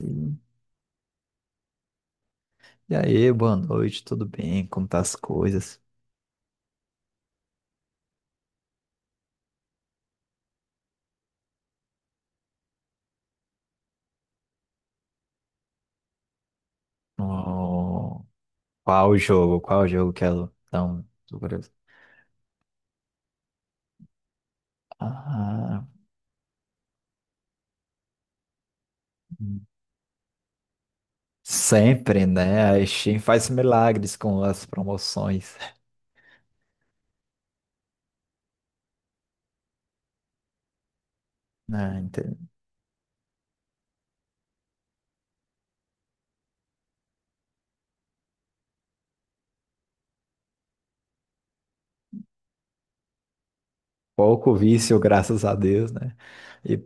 Sim. E aí, boa noite, tudo bem? Como tá as coisas? Oh, qual o jogo? Qual o jogo que ela tão tô curioso. Ah, hum. Sempre, né? A Steam faz milagres com as promoções, né? Pouco vício, graças a Deus, né? E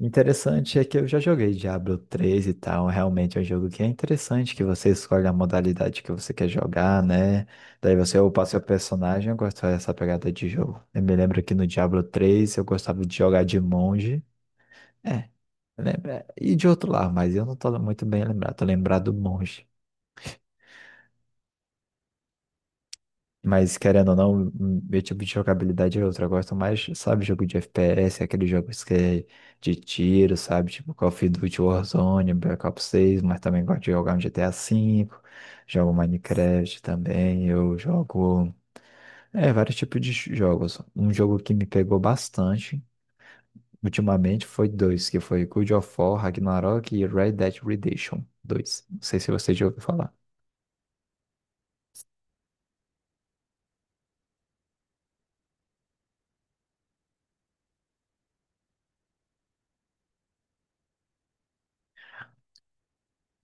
interessante é que eu já joguei Diablo 3 e tal. Realmente é um jogo que é interessante, que você escolhe a modalidade que você quer jogar, né? Daí você upa seu personagem. Eu gosto dessa pegada de jogo. Eu me lembro que no Diablo 3, eu gostava de jogar de monge. É, lembra? E de outro lado, mas eu não tô muito bem lembrado. Tô lembrado do monge. Mas querendo ou não, meu tipo de jogabilidade é outra. Eu gosto mais, sabe, jogo de FPS, aqueles jogos que é de tiro, sabe? Tipo Call of Duty Warzone, Black Ops 6, mas também gosto de jogar um GTA V, jogo Minecraft também, eu jogo vários tipos de jogos. Um jogo que me pegou bastante ultimamente foi dois, que foi God of War, Ragnarok e Red Dead Redemption 2. Não sei se você já ouviu falar.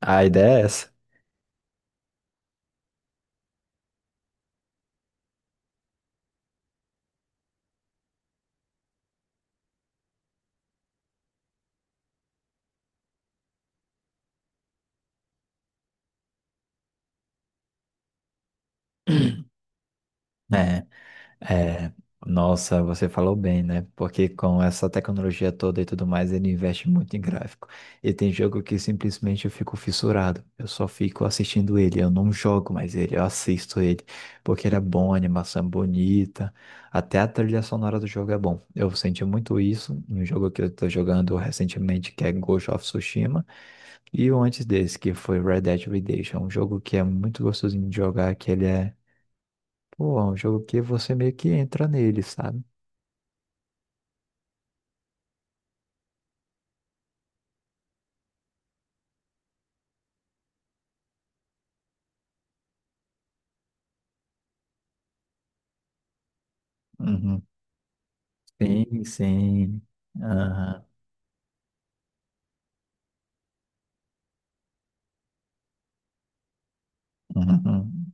A ideia é essa. É. É, nossa, você falou bem, né? Porque com essa tecnologia toda e tudo mais, ele investe muito em gráfico. E tem jogo que simplesmente eu fico fissurado. Eu só fico assistindo ele. Eu não jogo mais ele, eu assisto ele. Porque ele é bom, a animação é bonita. Até a trilha sonora do jogo é bom. Eu senti muito isso no jogo que eu tô jogando recentemente, que é Ghost of Tsushima. E o antes desse, que foi Red Dead Redemption. Um jogo que é muito gostosinho de jogar, que ele é. Pô, é um jogo que você meio que entra nele, sabe? Uhum. Sim, sim. Aham, uhum.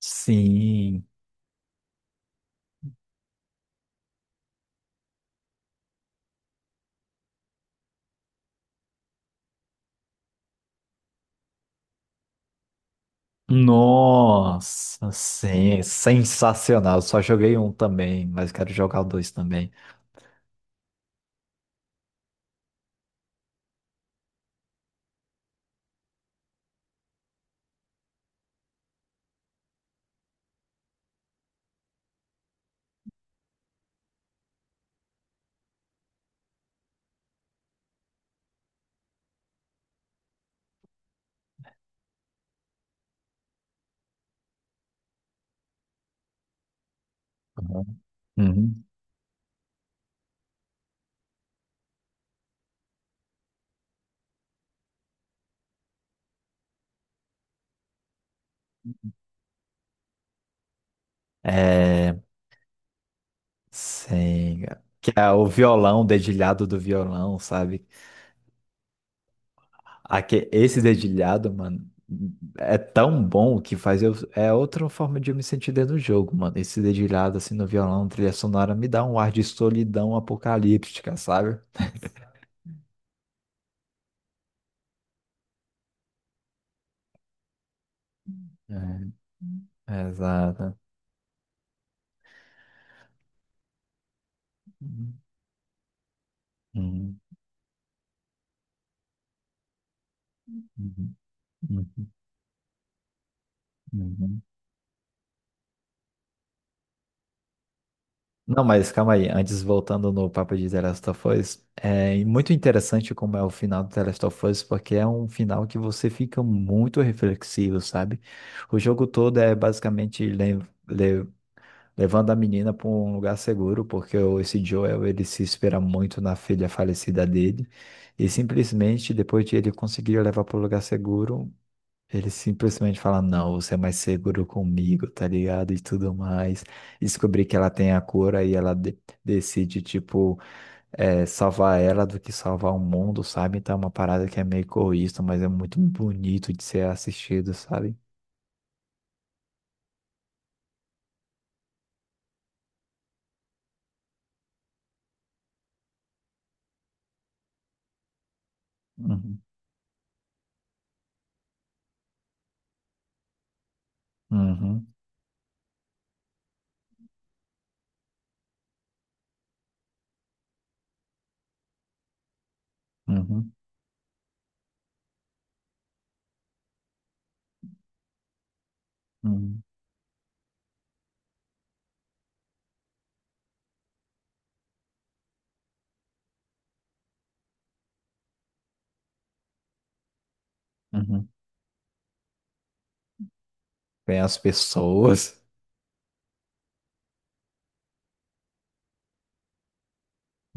Sim. Nossa, sim. Sensacional. Só joguei um também, mas quero jogar o dois também. Uhum. Uhum. É, sim. Que é o violão, o dedilhado do violão, sabe? Esse dedilhado, mano, é tão bom que faz eu. É outra forma de eu me sentir dentro do jogo, mano. Esse dedilhado, assim, no violão, trilha sonora, me dá um ar de solidão apocalíptica, sabe? É. Exato. Uhum, uhum, uhum, uhum. Não, mas calma aí. Antes, voltando no papo de The Last of Us, é muito interessante como é o final do The Last of Us, porque é um final que você fica muito reflexivo, sabe? O jogo todo é basicamente le- levando a menina para um lugar seguro, porque esse Joel, ele se espera muito na filha falecida dele, e simplesmente, depois de ele conseguir levar para o lugar seguro, ele simplesmente fala, não, você é mais seguro comigo, tá ligado? E tudo mais. Descobri que ela tem a cura e ela decide, tipo, salvar ela do que salvar o mundo, sabe? Então é uma parada que é meio egoísta, mas é muito bonito de ser assistido, sabe? Uhum, uhum, uhum, uhum, uhum. Tem as pessoas.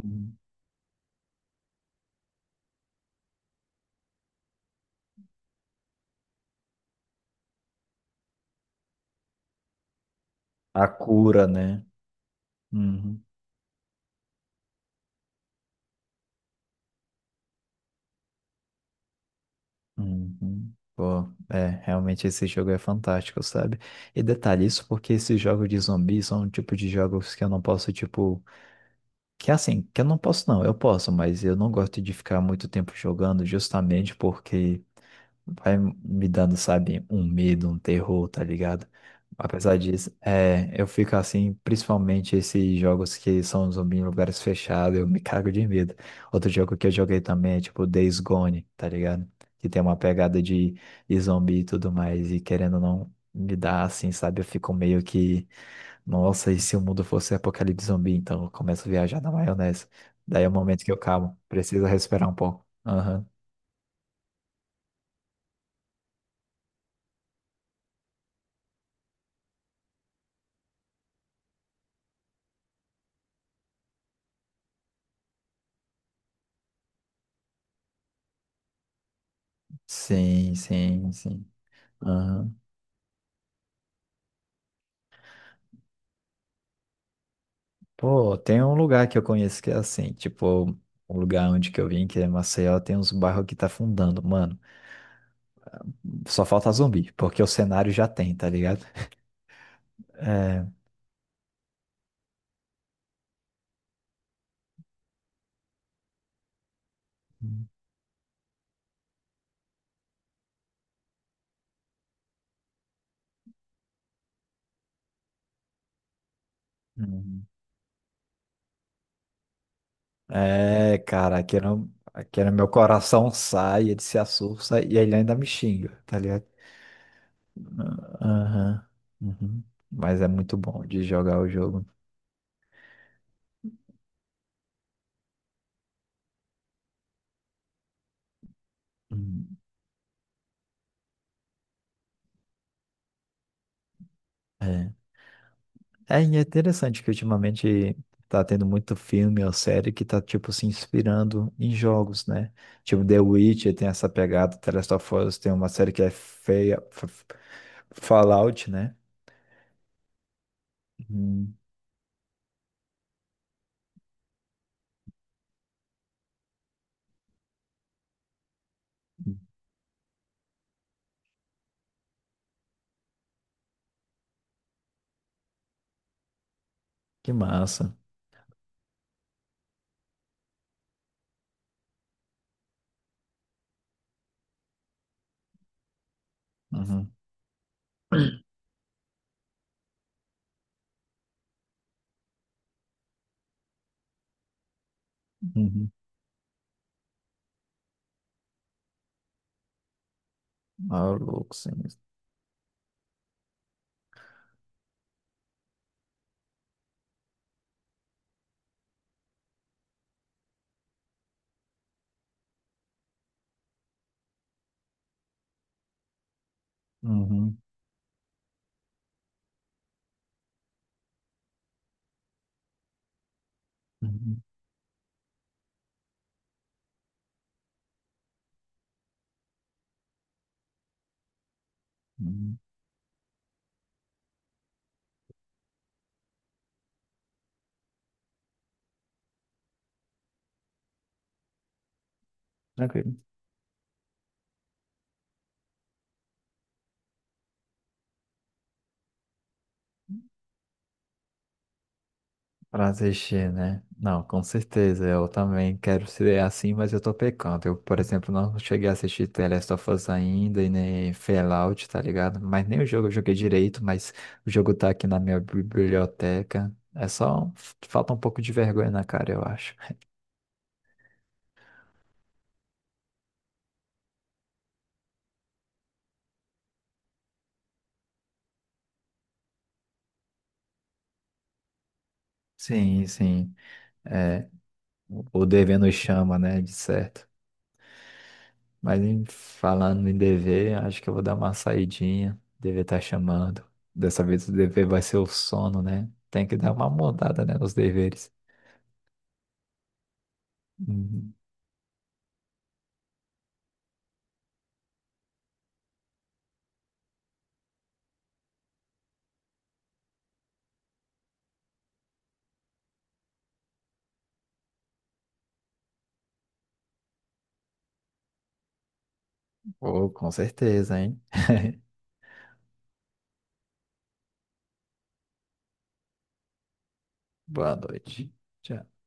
Uhum. A cura, né? Uhum. Uhum. Pô, realmente esse jogo é fantástico, sabe? E detalhe, isso porque esses jogos de zumbi são um tipo de jogos que eu não posso, tipo. Que assim, que eu não posso, não, eu posso, mas eu não gosto de ficar muito tempo jogando justamente porque vai me dando, sabe, um medo, um terror, tá ligado? Apesar disso, eu fico assim, principalmente esses jogos que são zumbi em lugares fechados, eu me cago de medo. Outro jogo que eu joguei também é tipo Days Gone, tá ligado? Que tem uma pegada de, zumbi e tudo mais, e querendo ou não me dá assim, sabe? Eu fico meio que, nossa, e se o mundo fosse apocalipse zumbi? Então eu começo a viajar na maionese. Daí é o momento que eu calmo, preciso respirar um pouco. Aham. Sim, sim, sim. Aham. Pô, tem um lugar que eu conheço que é assim, tipo, um lugar onde que eu vim, que é Maceió, tem uns bairros que tá fundando, mano. Só falta zumbi, porque o cenário já tem, tá ligado? É. Uhum. É, cara, aqui no meu coração sai, ele se assusta e ele ainda me xinga, tá ligado? Ah, aham. Uhum. Mas é muito bom de jogar o jogo. Uhum. É. É, e é interessante que ultimamente tá tendo muito filme ou série que tá, tipo, se inspirando em jogos, né? Tipo, The Witcher tem essa pegada, The Last of Us tem uma série que é feia, Fallout, né? Uhum. Que massa. Uhum. Uhum. Ah, louco, sim. Uhum. Uhum. Uhum. Pra assistir, né? Não, com certeza. Eu também quero ser assim, mas eu tô pecando. Eu, por exemplo, não cheguei a assistir The Last of Us ainda e nem Fallout, tá ligado? Mas nem o jogo eu joguei direito, mas o jogo tá aqui na minha biblioteca. É só. Falta um pouco de vergonha na cara, eu acho. Sim, sim. É, o dever nos chama, né? De certo. Mas em falando em dever, acho que eu vou dar uma saidinha. Dever tá chamando. Dessa vez o dever vai ser o sono, né? Tem que dar uma mudada, né, nos deveres. Uhum. Oh, com certeza, hein? Boa noite. Tchau.